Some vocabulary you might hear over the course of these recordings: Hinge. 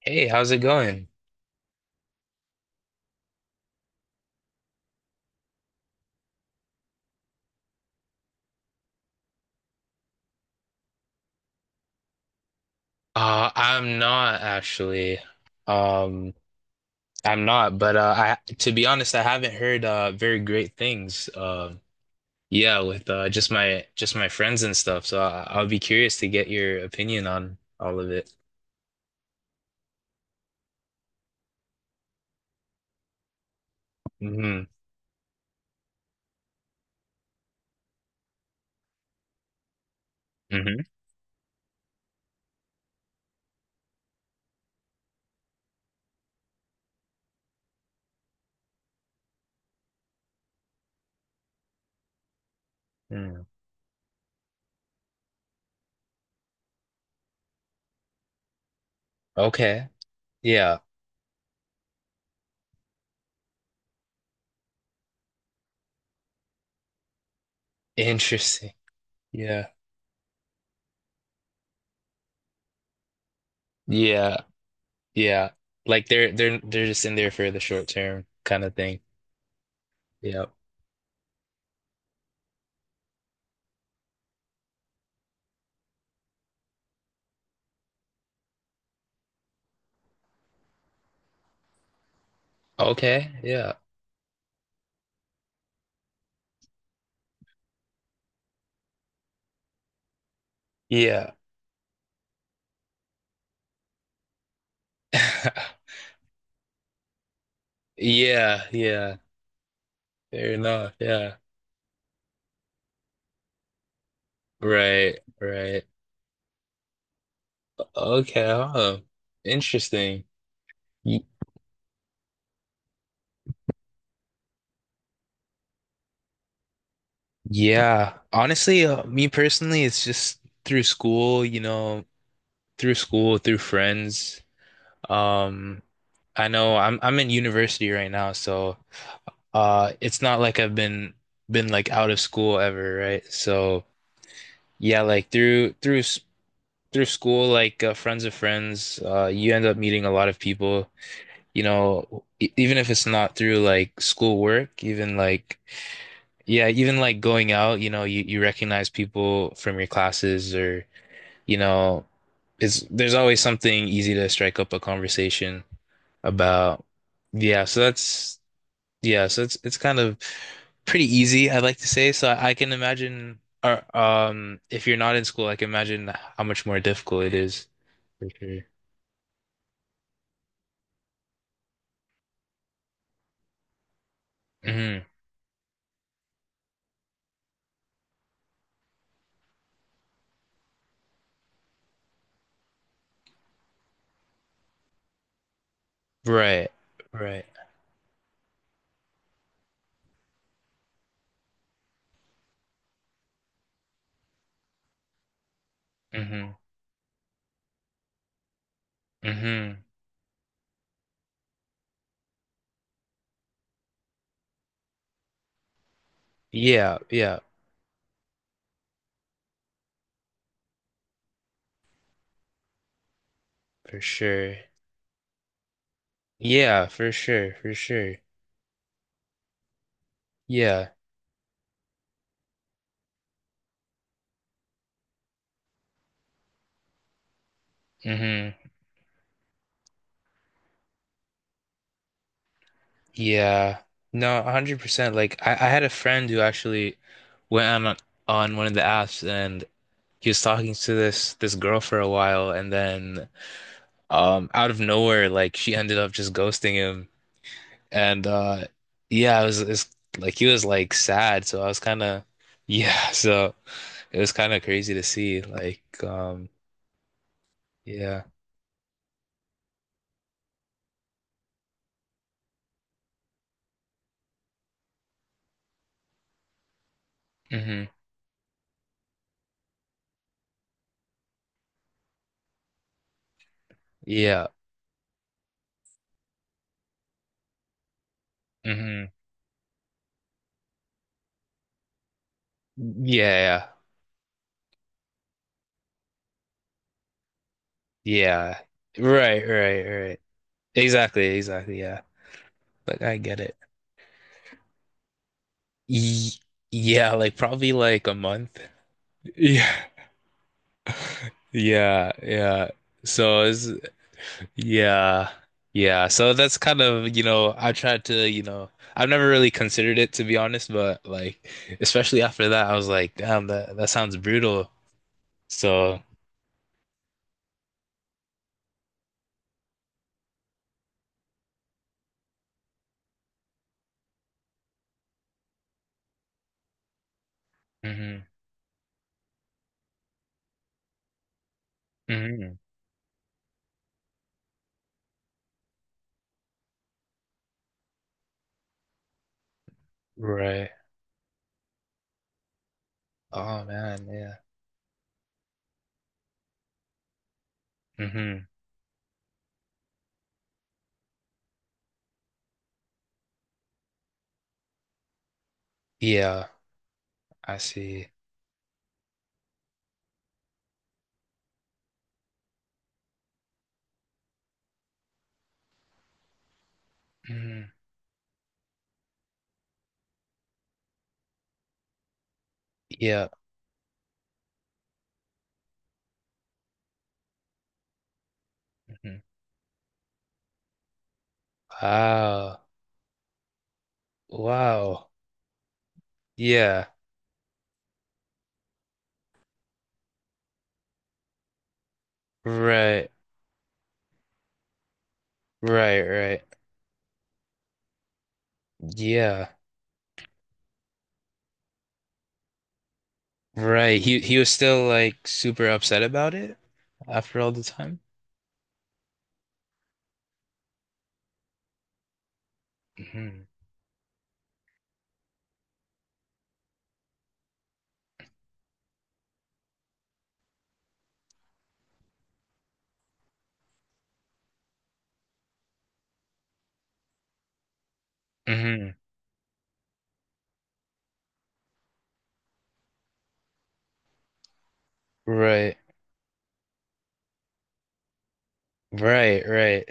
Hey, how's it going? I'm not actually. Um, I'm not, but I to be honest, I haven't heard very great things. Yeah, with just my friends and stuff. So I'll be curious to get your opinion on all of it. Hmm. Hmm. Mm. Okay. Yeah. Interesting. Yeah. Yeah. Yeah. Like they're just in there for the short term kind of thing. Yeah. Okay. Yeah. Yeah. Yeah, yeah. Fair enough. Yeah. Right, right. Okay, huh. Interesting. Y- Yeah. Honestly, me personally, it's just through school, through school, through friends. Um, I know I'm in university right now, so it's not like I've been like out of school ever, right? So yeah, like through school, like friends of friends, you end up meeting a lot of people you know, even if it's not through like schoolwork, even like, yeah, even like going out, you know, you recognize people from your classes or, you know, there's always something easy to strike up a conversation about. Yeah. Yeah. So it's kind of pretty easy, I'd like to say. So I can imagine, or, if you're not in school, I can imagine how much more difficult it is. For sure. Hmm. Right. Right. Hmm. Hmm. Yeah, yeah, for sure. Yeah, for sure, for sure. Yeah. Hmm. Yeah. No, 100%. Like I had a friend who actually went on one of the apps and he was talking to this girl for a while and then out of nowhere like she ended up just ghosting him and yeah, it's like he was like sad, so I was kind of yeah, so it was kind of crazy to see like yeah. Hmm. Yeah. Hmm. Yeah. Yeah. Right, right, right. Exactly, exactly. Yeah. Like I get it. Y Yeah, like probably like a month. Yeah. Yeah, yeah. So it's yeah. Yeah. So that's kind of, you know, I tried to, you know, I've never really considered it to be honest, but like especially after that I was like, damn, that that sounds brutal. So, hmm, hmm. Right. Oh man, yeah. Hmm. Yeah. I see. Mm, yeah. Mhm. Wow. Wow. Yeah. Right. Right. Right. Yeah. Right. He was still like super upset about it after all the time. Hmm. Hmm. Right. Right. Right.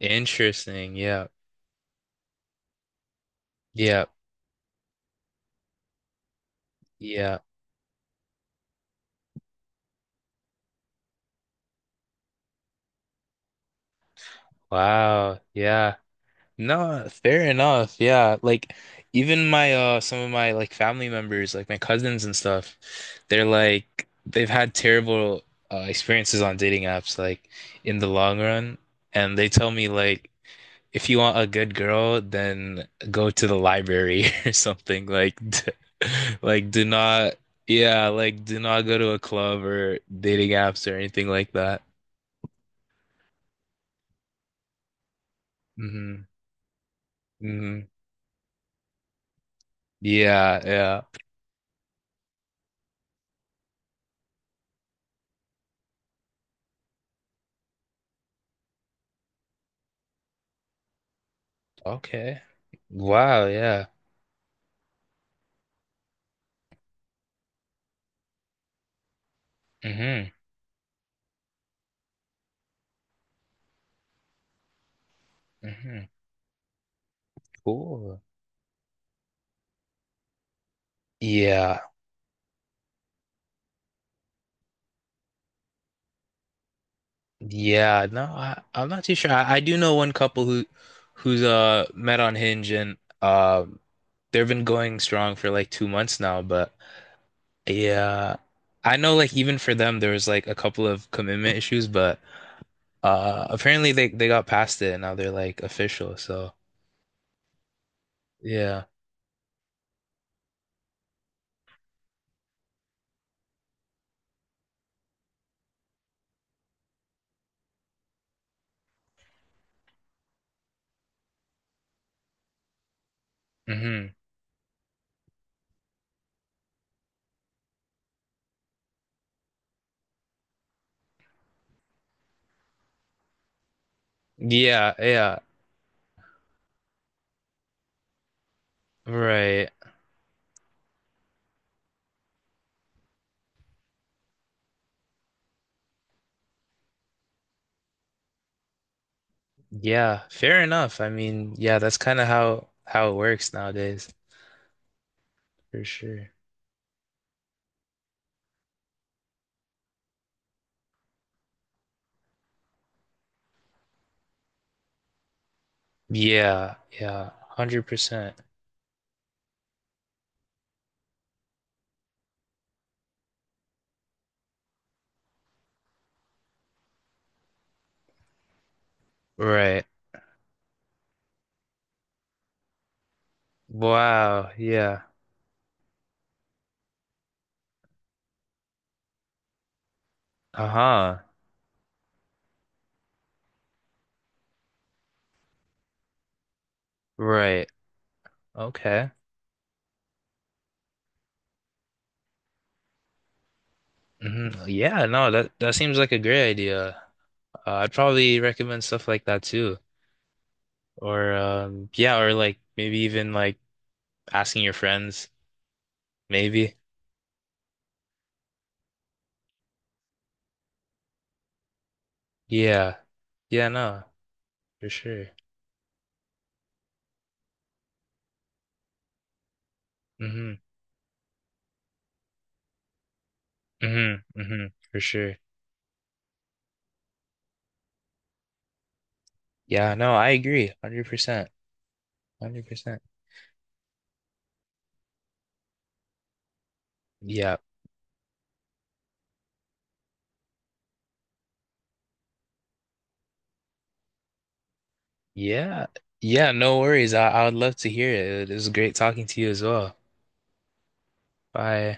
Interesting. Yeah. Yeah. Yeah. Wow. Yeah. No, fair enough. Yeah, like even my some of my like family members, like my cousins and stuff, they're like they've had terrible experiences on dating apps like in the long run, and they tell me like if you want a good girl, then go to the library or something like d like do not yeah, like do not go to a club or dating apps or anything like that. Hmm. Hmm. Yeah, yeah. Okay. Wow, yeah. Mm-hmm. Hmm. Cool. Yeah. Yeah. No, I'm not too sure. I do know one couple who who's met on Hinge and they've been going strong for like 2 months now, but yeah. I know like even for them there was like a couple of commitment issues, but apparently they got past it and now they're like official. So yeah. Hmm. Yeah, yeah. Right. Yeah. Fair enough. I mean, yeah, that's kind of how it works nowadays. For sure. Yeah, yeah, 100%. Right. Wow, yeah. Uh-huh. Right. Okay. Hmm. Yeah, no, that that seems like a great idea. I'd probably recommend stuff like that too. Or yeah, or like maybe even like asking your friends, maybe. Yeah. Yeah, no, for sure. Hmm. Hmm. Hmm. For sure. Yeah, no, I agree. 100%. 100%. Yeah. Yeah. Yeah, no worries. I would love to hear it. It was great talking to you as well. Bye.